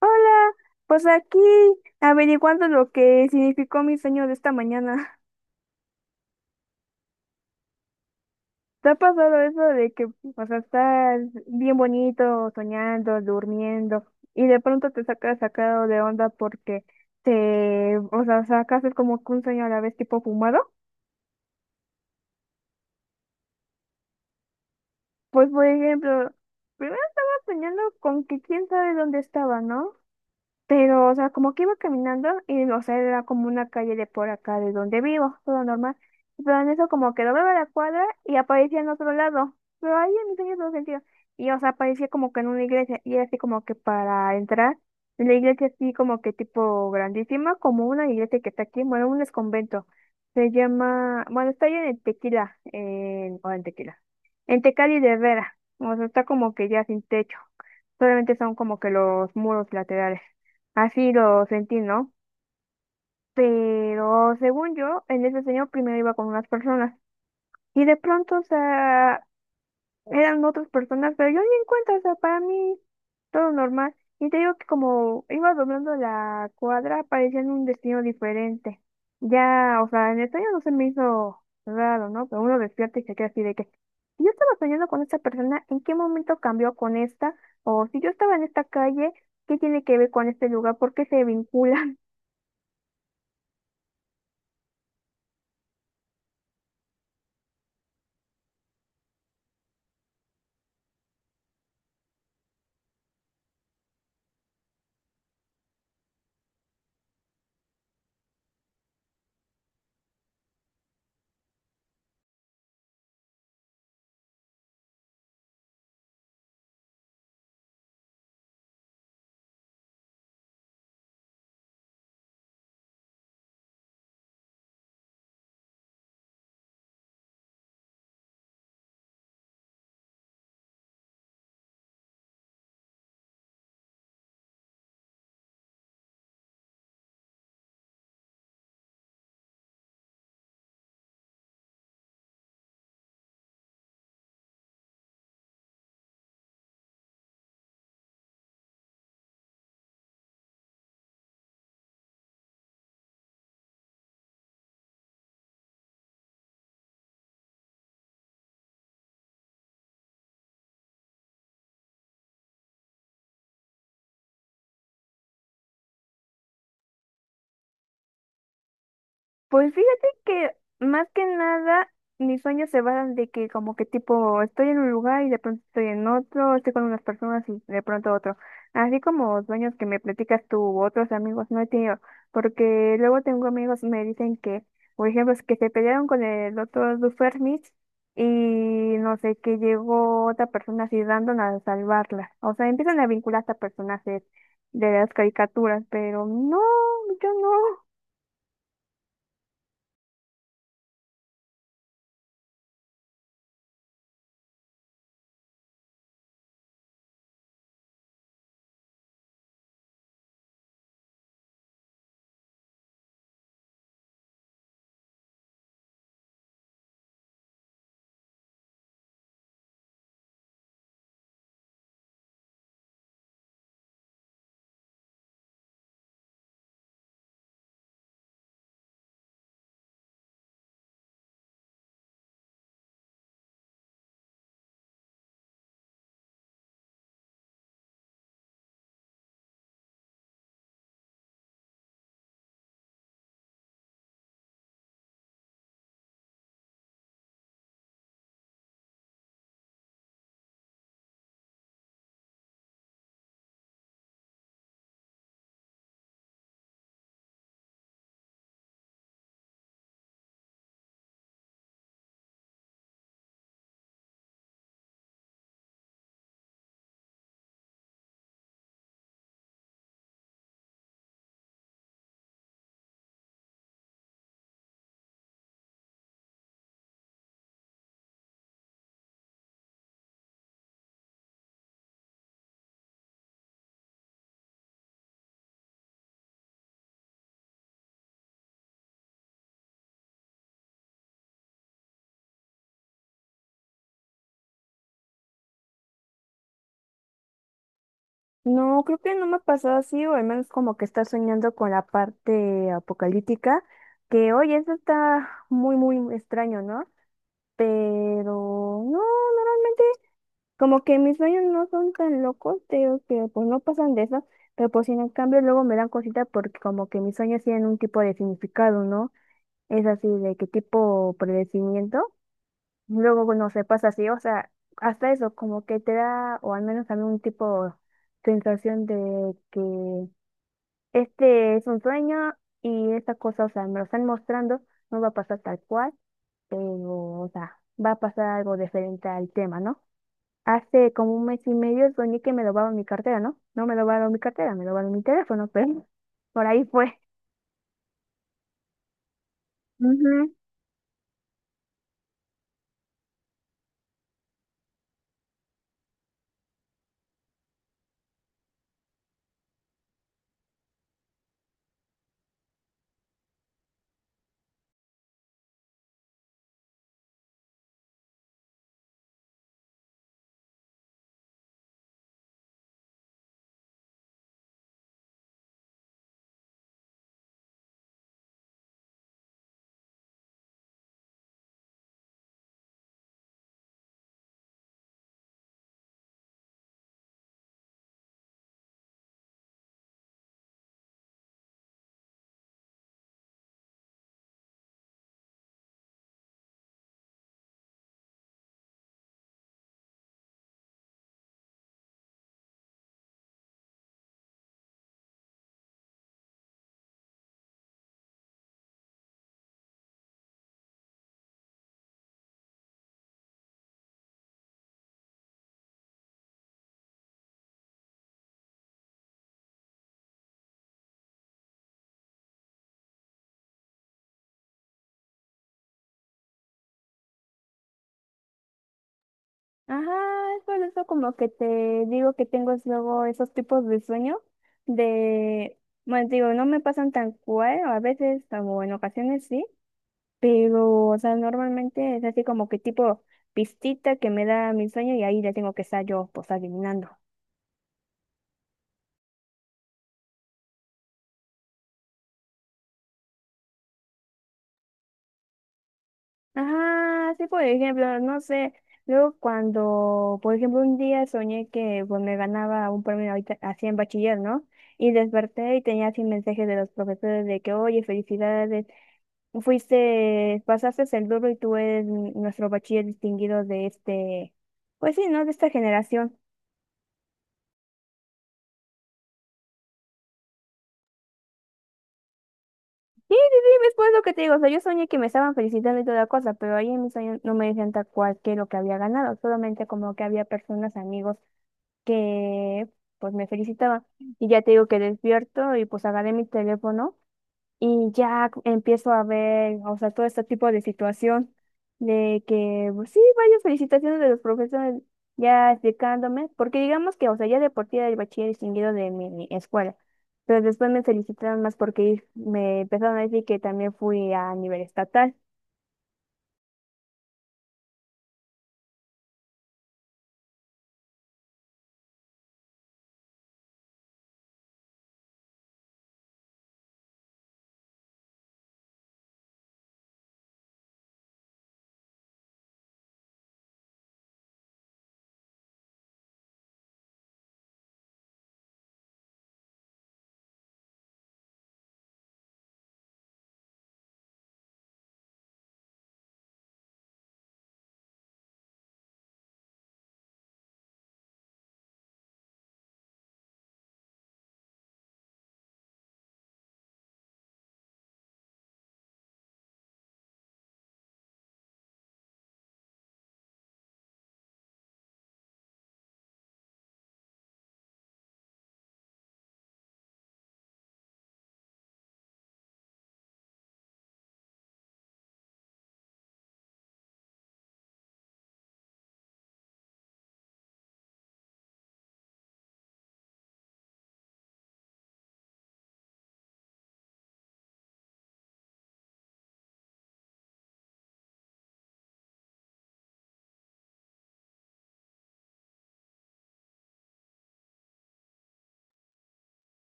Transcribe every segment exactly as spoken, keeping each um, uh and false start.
Hola, pues aquí averiguando lo que significó mi sueño de esta mañana. ¿Te ha pasado eso de que, o sea, estás bien bonito, soñando, durmiendo, y de pronto te sacas sacado de onda porque te, o sea, sacas es como que un sueño a la vez tipo fumado? Pues, por ejemplo, primero estaba soñando con que quién sabe dónde estaba, ¿no? Pero, o sea, como que iba caminando y, o sea, era como una calle de por acá de donde vivo, todo normal. Pero en eso como que doblaba la cuadra y aparecía en otro lado. Pero ahí no tenía todo sentido. Y, o sea, aparecía como que en una iglesia y era así como que para entrar en la iglesia, así como que tipo grandísima, como una iglesia que está aquí, bueno, un desconvento. Se llama, bueno, está ahí en Tequila, en, o en Tequila, en Tecali de Vera. O sea, está como que ya sin techo. Solamente son como que los muros laterales. Así lo sentí, ¿no? Pero según yo, en ese sueño primero iba con unas personas y de pronto, o sea, eran otras personas, pero yo ni en cuenta, o sea, para mí todo normal. Y te digo que como iba doblando la cuadra, parecía en un destino diferente. Ya, o sea, en el sueño no se me hizo raro, ¿no? Pero uno despierta y se queda así de que, si yo estaba soñando con esta persona, ¿en qué momento cambió con esta? O si yo estaba en esta calle, ¿qué tiene que ver con este lugar? ¿Por qué se vincula? Pues fíjate que más que nada mis sueños se basan de que como que tipo estoy en un lugar y de pronto estoy en otro, estoy con unas personas y de pronto otro. Así como sueños que me platicas tú u otros amigos no he tenido, porque luego tengo amigos me dicen que, por ejemplo, es que se pelearon con el otro Dufermich y no sé, que llegó otra persona así random a salvarla. O sea, empiezan a vincular hasta personajes de las caricaturas, pero no, yo no. No, creo que no me ha pasado así, o al menos como que está soñando con la parte apocalíptica, que oye, eso está muy, muy extraño, ¿no? Pero no, normalmente como que mis sueños no son tan locos, creo que pues no pasan de eso, pero pues en el cambio luego me dan cositas porque como que mis sueños tienen un tipo de significado, ¿no? Es así de qué tipo predecimiento, luego no se pasa así, o sea, hasta eso como que te da, o al menos a mí un tipo sensación de que este es un sueño y esta cosa, o sea, me lo están mostrando, no va a pasar tal cual, pero, o sea, va a pasar algo diferente al tema, ¿no? Hace como un mes y medio soñé que me robaron mi cartera, ¿no? No me robaron mi cartera, me robaron mi teléfono, pero por ahí fue. Ujú. Ajá, es por eso como que te digo que tengo es luego esos tipos de sueño de, bueno, digo, no me pasan tan cual, a veces, o en ocasiones sí, pero, o sea, normalmente es así como que tipo pistita que me da mi sueño y ahí ya tengo que estar yo, pues, adivinando. Ajá, sí, por ejemplo, no sé, luego cuando, por ejemplo, un día soñé que pues me ganaba un premio ahorita- así en bachiller, ¿no? Y desperté y tenía así mensajes de los profesores de que, oye, felicidades, fuiste, pasaste el doble y tú eres nuestro bachiller distinguido de este, pues sí, ¿no? De esta generación. Sí, sí, sí, es pues lo que te digo, o sea, yo soñé que me estaban felicitando y toda cosa, pero ahí en mi sueño no me decían tal cual que lo que había ganado, solamente como que había personas, amigos, que pues me felicitaban. Y ya te digo que despierto y pues agarré mi teléfono y ya empiezo a ver, o sea, todo este tipo de situación de que, pues sí, varias felicitaciones de los profesores ya explicándome, porque digamos que, o sea, ya de por sí era el bachiller distinguido de mi escuela, pero después me felicitaron más porque me empezaron a decir que también fui a nivel estatal.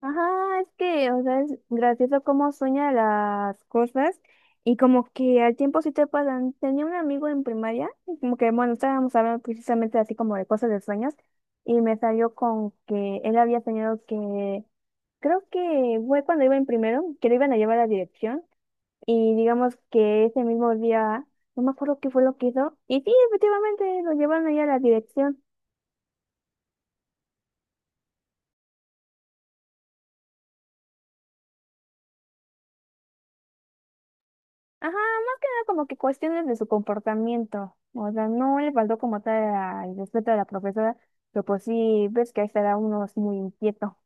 Ajá, es que, o sea, es gracioso cómo sueña las cosas y como que al tiempo sí te pasan. Tenía un amigo en primaria, y como que, bueno, estábamos hablando precisamente así como de cosas de sueños y me salió con que él había soñado que, creo que fue cuando iba en primero, que lo iban a llevar a la dirección y digamos que ese mismo día, no me acuerdo qué fue lo que hizo y sí, efectivamente lo llevaron allá a la dirección. Ajá, más que nada como que cuestiones de su comportamiento. O sea, no le faltó como tal a- respeto de la profesora, pero pues sí, ves que ahí estará uno es muy inquieto.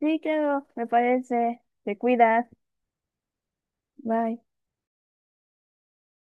Sí, claro, me parece. Te cuidas. Bye.